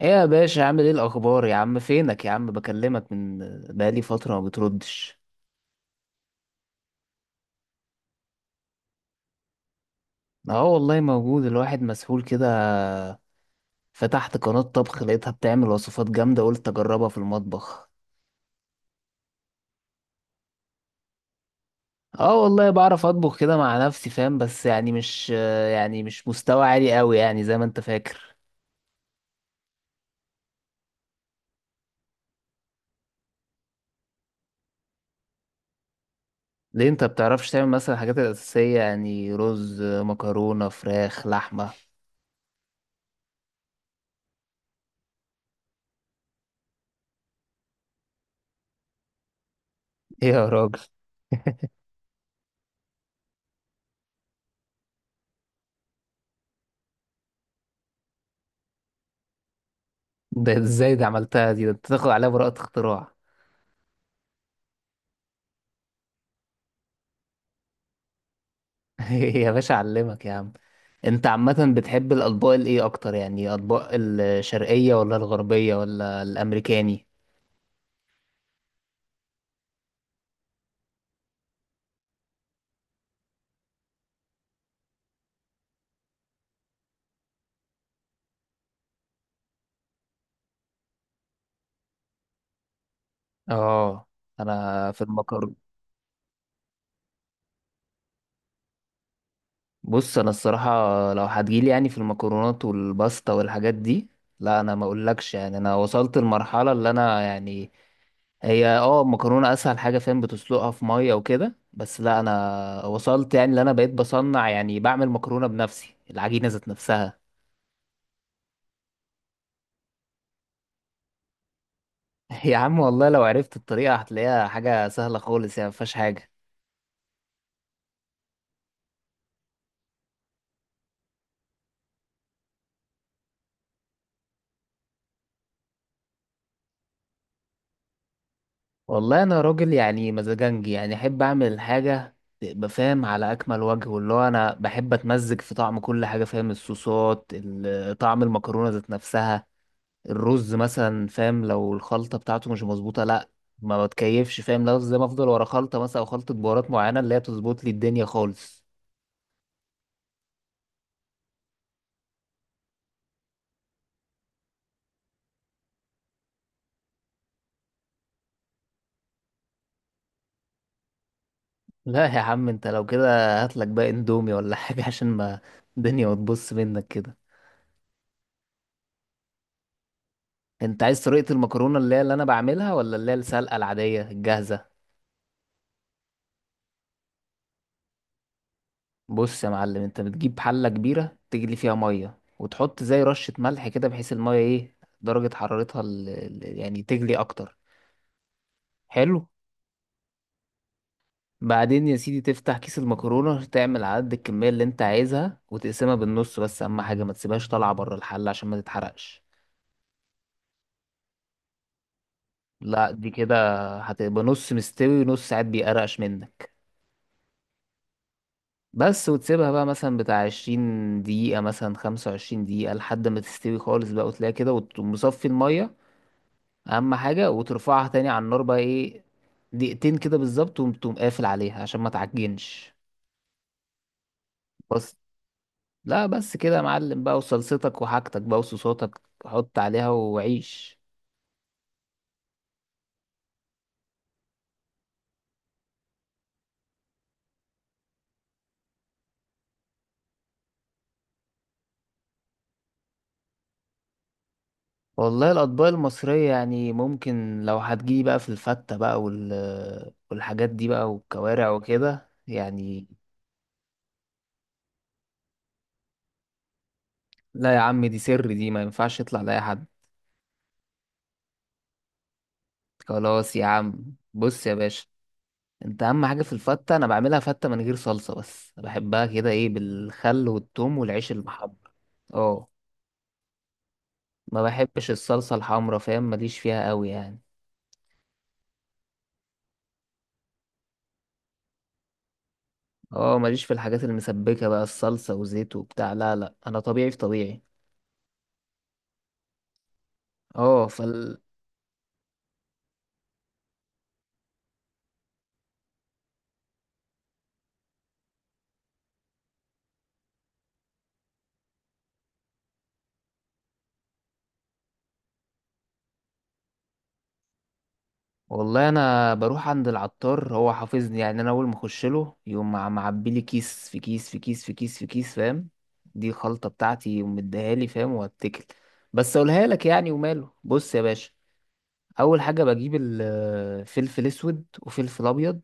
ايه يا باشا؟ عامل ايه الاخبار يا عم؟ فينك يا عم؟ بكلمك من بقالي فتره ما بتردش. اه، والله موجود. الواحد مسحول كده. فتحت قناه طبخ، لقيتها بتعمل وصفات جامده، قلت اجربها في المطبخ. اه والله بعرف اطبخ كده مع نفسي، فاهم؟ بس يعني مش مستوى عالي قوي يعني زي ما انت فاكر. ليه؟ انت بتعرفش تعمل مثلا الحاجات الاساسيه؟ يعني رز، مكرونه، فراخ، لحمه؟ ايه يا راجل؟ ده ازاي؟ ده عملتها دي، ده انت تاخد عليها براءه اختراع. يا باشا، اعلمك يا عم. انت عامة بتحب الاطباق الايه اكتر؟ يعني اطباق الشرقية ولا الغربية ولا الامريكاني؟ اه. انا في المكرونة. بص انا الصراحة، لو هتجيلي يعني في المكرونات والباستا والحاجات دي، لا انا ما اقولكش، يعني انا وصلت المرحلة اللي انا يعني هي المكرونة اسهل حاجة، فاهم؟ بتسلقها في مية وكده بس، لا انا وصلت يعني، اللي انا بقيت بصنع يعني، بعمل مكرونة بنفسي، العجينة ذات نفسها. يا عم والله لو عرفت الطريقة هتلاقيها حاجة سهلة خالص، يعني مفيهاش حاجة. والله انا راجل يعني مزاجنجي، يعني احب اعمل الحاجه تبقى فاهم على اكمل وجه، واللي هو انا بحب اتمزج في طعم كل حاجه، فاهم؟ الصوصات طعم المكرونه ذات نفسها. الرز مثلا فاهم، لو الخلطه بتاعته مش مظبوطه، لا ما بتكيفش فاهم، لو زي ما افضل ورا خلطه مثلا او خلطه بهارات معينه اللي هي تظبط لي الدنيا خالص. لا يا عم انت لو كده هاتلك بقى اندومي ولا حاجه عشان ما الدنيا ما تبص منك كده. انت عايز طريقه المكرونه اللي هي اللي انا بعملها، ولا اللي هي السلقه العاديه الجاهزه؟ بص يا معلم، انت بتجيب حلة كبيرة تجلي فيها مية وتحط زي رشة ملح كده، بحيث المية ايه درجة حرارتها يعني تجلي اكتر. حلو. بعدين يا سيدي تفتح كيس المكرونة، تعمل عدد الكمية اللي انت عايزها وتقسمها بالنص، بس اهم حاجة ما تسيبهاش طالعة بره الحلة عشان ما تتحرقش. لا دي كده هتبقى نص مستوي ونص، ساعات بيقرقش منك. بس وتسيبها بقى مثلا بتاع 20 دقيقة، مثلا 25 دقيقة، لحد ما تستوي خالص بقى وتلاقيها كده، وتقوم مصفي المية. اهم حاجه وترفعها تاني على النار بقى، ايه، دقيقتين كده بالظبط، وتقوم قافل عليها عشان ما تعجنش. بس. لا بس كده يا معلم بقى، وصلصتك وحاجتك بقى وصوصاتك حط عليها وعيش. والله الاطباق المصريه يعني ممكن، لو هتجيلي بقى في الفته بقى والحاجات دي بقى والكوارع وكده يعني. لا يا عم، دي سر، دي ما ينفعش يطلع لاي حد. خلاص يا عم، بص يا باشا، انت اهم حاجه في الفته انا بعملها فته من غير صلصه، بس بحبها كده، ايه، بالخل والثوم والعيش المحمر. اه، ما بحبش الصلصه الحمرا، فاهم؟ ماليش فيها قوي يعني. اه، ماليش في الحاجات المسبكه بقى، الصلصه وزيت وبتاع، لا لا انا طبيعي في طبيعي. اه فال. والله انا بروح عند العطار، هو حافظني يعني، انا اول ما اخش له يقوم معبي لي كيس في كيس في كيس في كيس في كيس، فاهم؟ دي خلطه بتاعتي ومديها لي، فاهم؟ واتكل. بس اقولها لك يعني، وماله، بص يا باشا. اول حاجه بجيب الفلفل اسود وفلفل ابيض.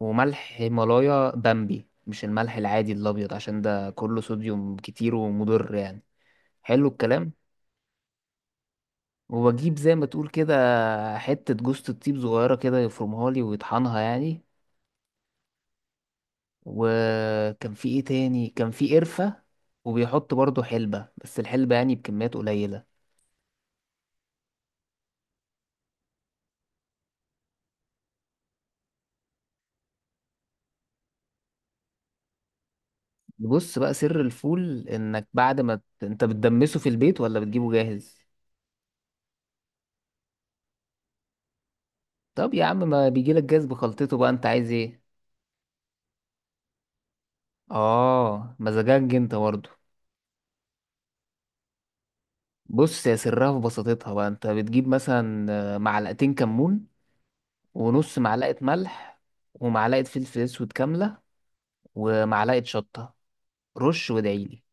وملح هيمالايا بامبي، مش الملح العادي الابيض، عشان ده كله صوديوم كتير ومضر يعني. حلو الكلام. وبجيب زي ما تقول كده حته جوزة الطيب صغيره كده، يفرمها لي ويطحنها يعني. وكان في ايه تاني؟ كان في قرفه. وبيحط برضو حلبه، بس الحلبه يعني بكميات قليله. بص بقى، سر الفول، انك بعد ما انت بتدمسه في البيت، ولا بتجيبه جاهز؟ طب يا عم ما بيجيلك جاز بخلطته بقى، انت عايز ايه؟ اه، مزاجك انت برضه. بص، يا سرها في بساطتها بقى، انت بتجيب مثلا معلقتين كمون، ونص معلقة ملح، ومعلقة فلفل اسود كاملة، ومعلقة شطة. رش وادعيلي.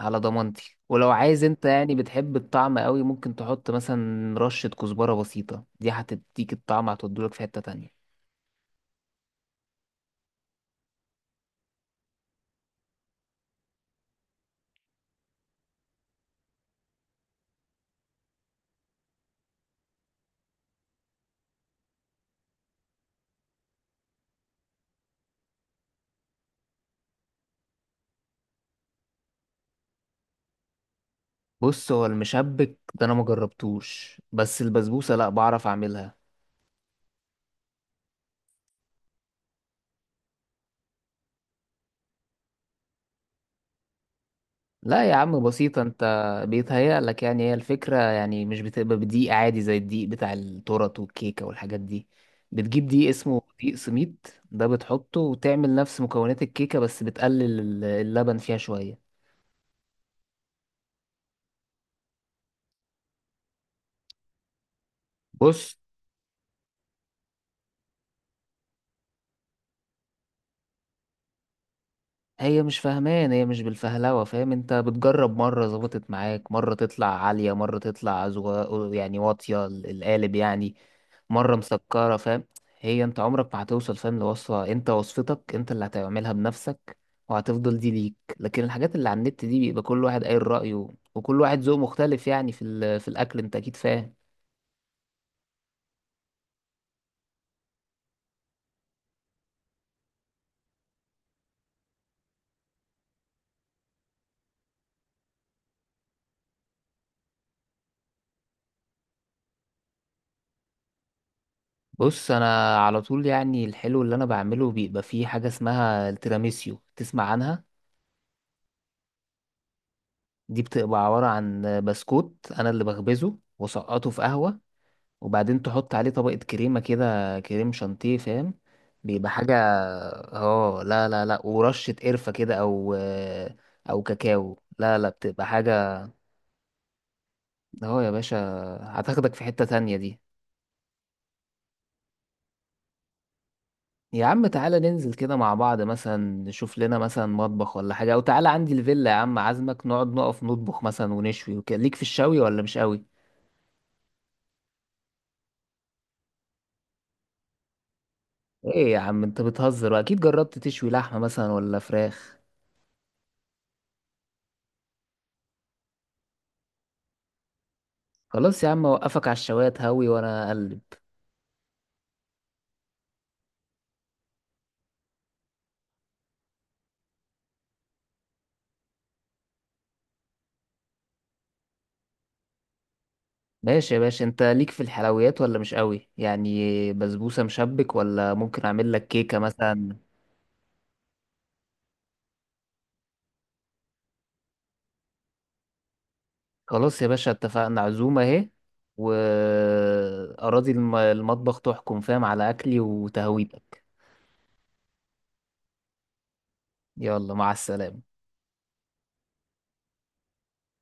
على ضمانتي، ولو عايز انت يعني بتحب الطعم قوي، ممكن تحط مثلا رشة كزبرة بسيطة، دي هتديك الطعم، هتودولك في حتة تانية. بص هو المشبك ده انا مجربتوش، بس البسبوسة لا، بعرف اعملها. لا يا عم بسيطة انت. بيتهيألك يعني، هي الفكرة يعني مش بتبقى بدقيق عادي زي الدقيق بتاع التورت والكيكة والحاجات دي. بتجيب دقيق اسمه دقيق سميد، ده بتحطه وتعمل نفس مكونات الكيكة، بس بتقلل اللبن فيها شوية. بص، هي مش فاهمان، هي مش بالفهلوة، فاهم؟ انت بتجرب مرة ظبطت معاك، مرة تطلع عالية، مرة تطلع يعني واطية القالب يعني، مرة مسكرة، فاهم؟ هي انت عمرك ما هتوصل فاهم لوصفة، انت وصفتك انت اللي هتعملها بنفسك، وهتفضل دي ليك. لكن الحاجات اللي على النت دي بيبقى كل واحد قايل رأيه، وكل واحد ذوق مختلف يعني في الأكل، انت أكيد فاهم. بص انا على طول يعني الحلو اللي انا بعمله بيبقى فيه حاجة اسمها التيراميسيو، تسمع عنها؟ دي بتبقى عبارة عن بسكوت انا اللي بخبزه وسقطه في قهوة، وبعدين تحط عليه طبقة كريمة كده، كريم شانتيه فاهم، بيبقى حاجة. اه لا لا لا، ورشة قرفة كده او او كاكاو، لا لا بتبقى حاجة. اهو يا باشا، هتاخدك في حتة تانية دي. يا عم تعالى ننزل كده مع بعض مثلا، نشوف لنا مثلا مطبخ ولا حاجة، او تعالى عندي الفيلا يا عم، عازمك نقعد نقف نطبخ مثلا ونشوي وكده. ليك في الشوي ولا مش قوي؟ ايه يا عم انت بتهزر، واكيد جربت تشوي لحمة مثلا ولا فراخ. خلاص يا عم، اوقفك على الشوايه هوي وانا اقلب. ماشي يا باشا، انت ليك في الحلويات ولا مش قوي؟ يعني بسبوسة، مشبك، ولا ممكن اعمل لك كيكة مثلا؟ خلاص يا باشا، اتفقنا، عزومة اهي، وأراضي المطبخ تحكم فاهم على اكلي وتهويتك. يلا، مع السلامة.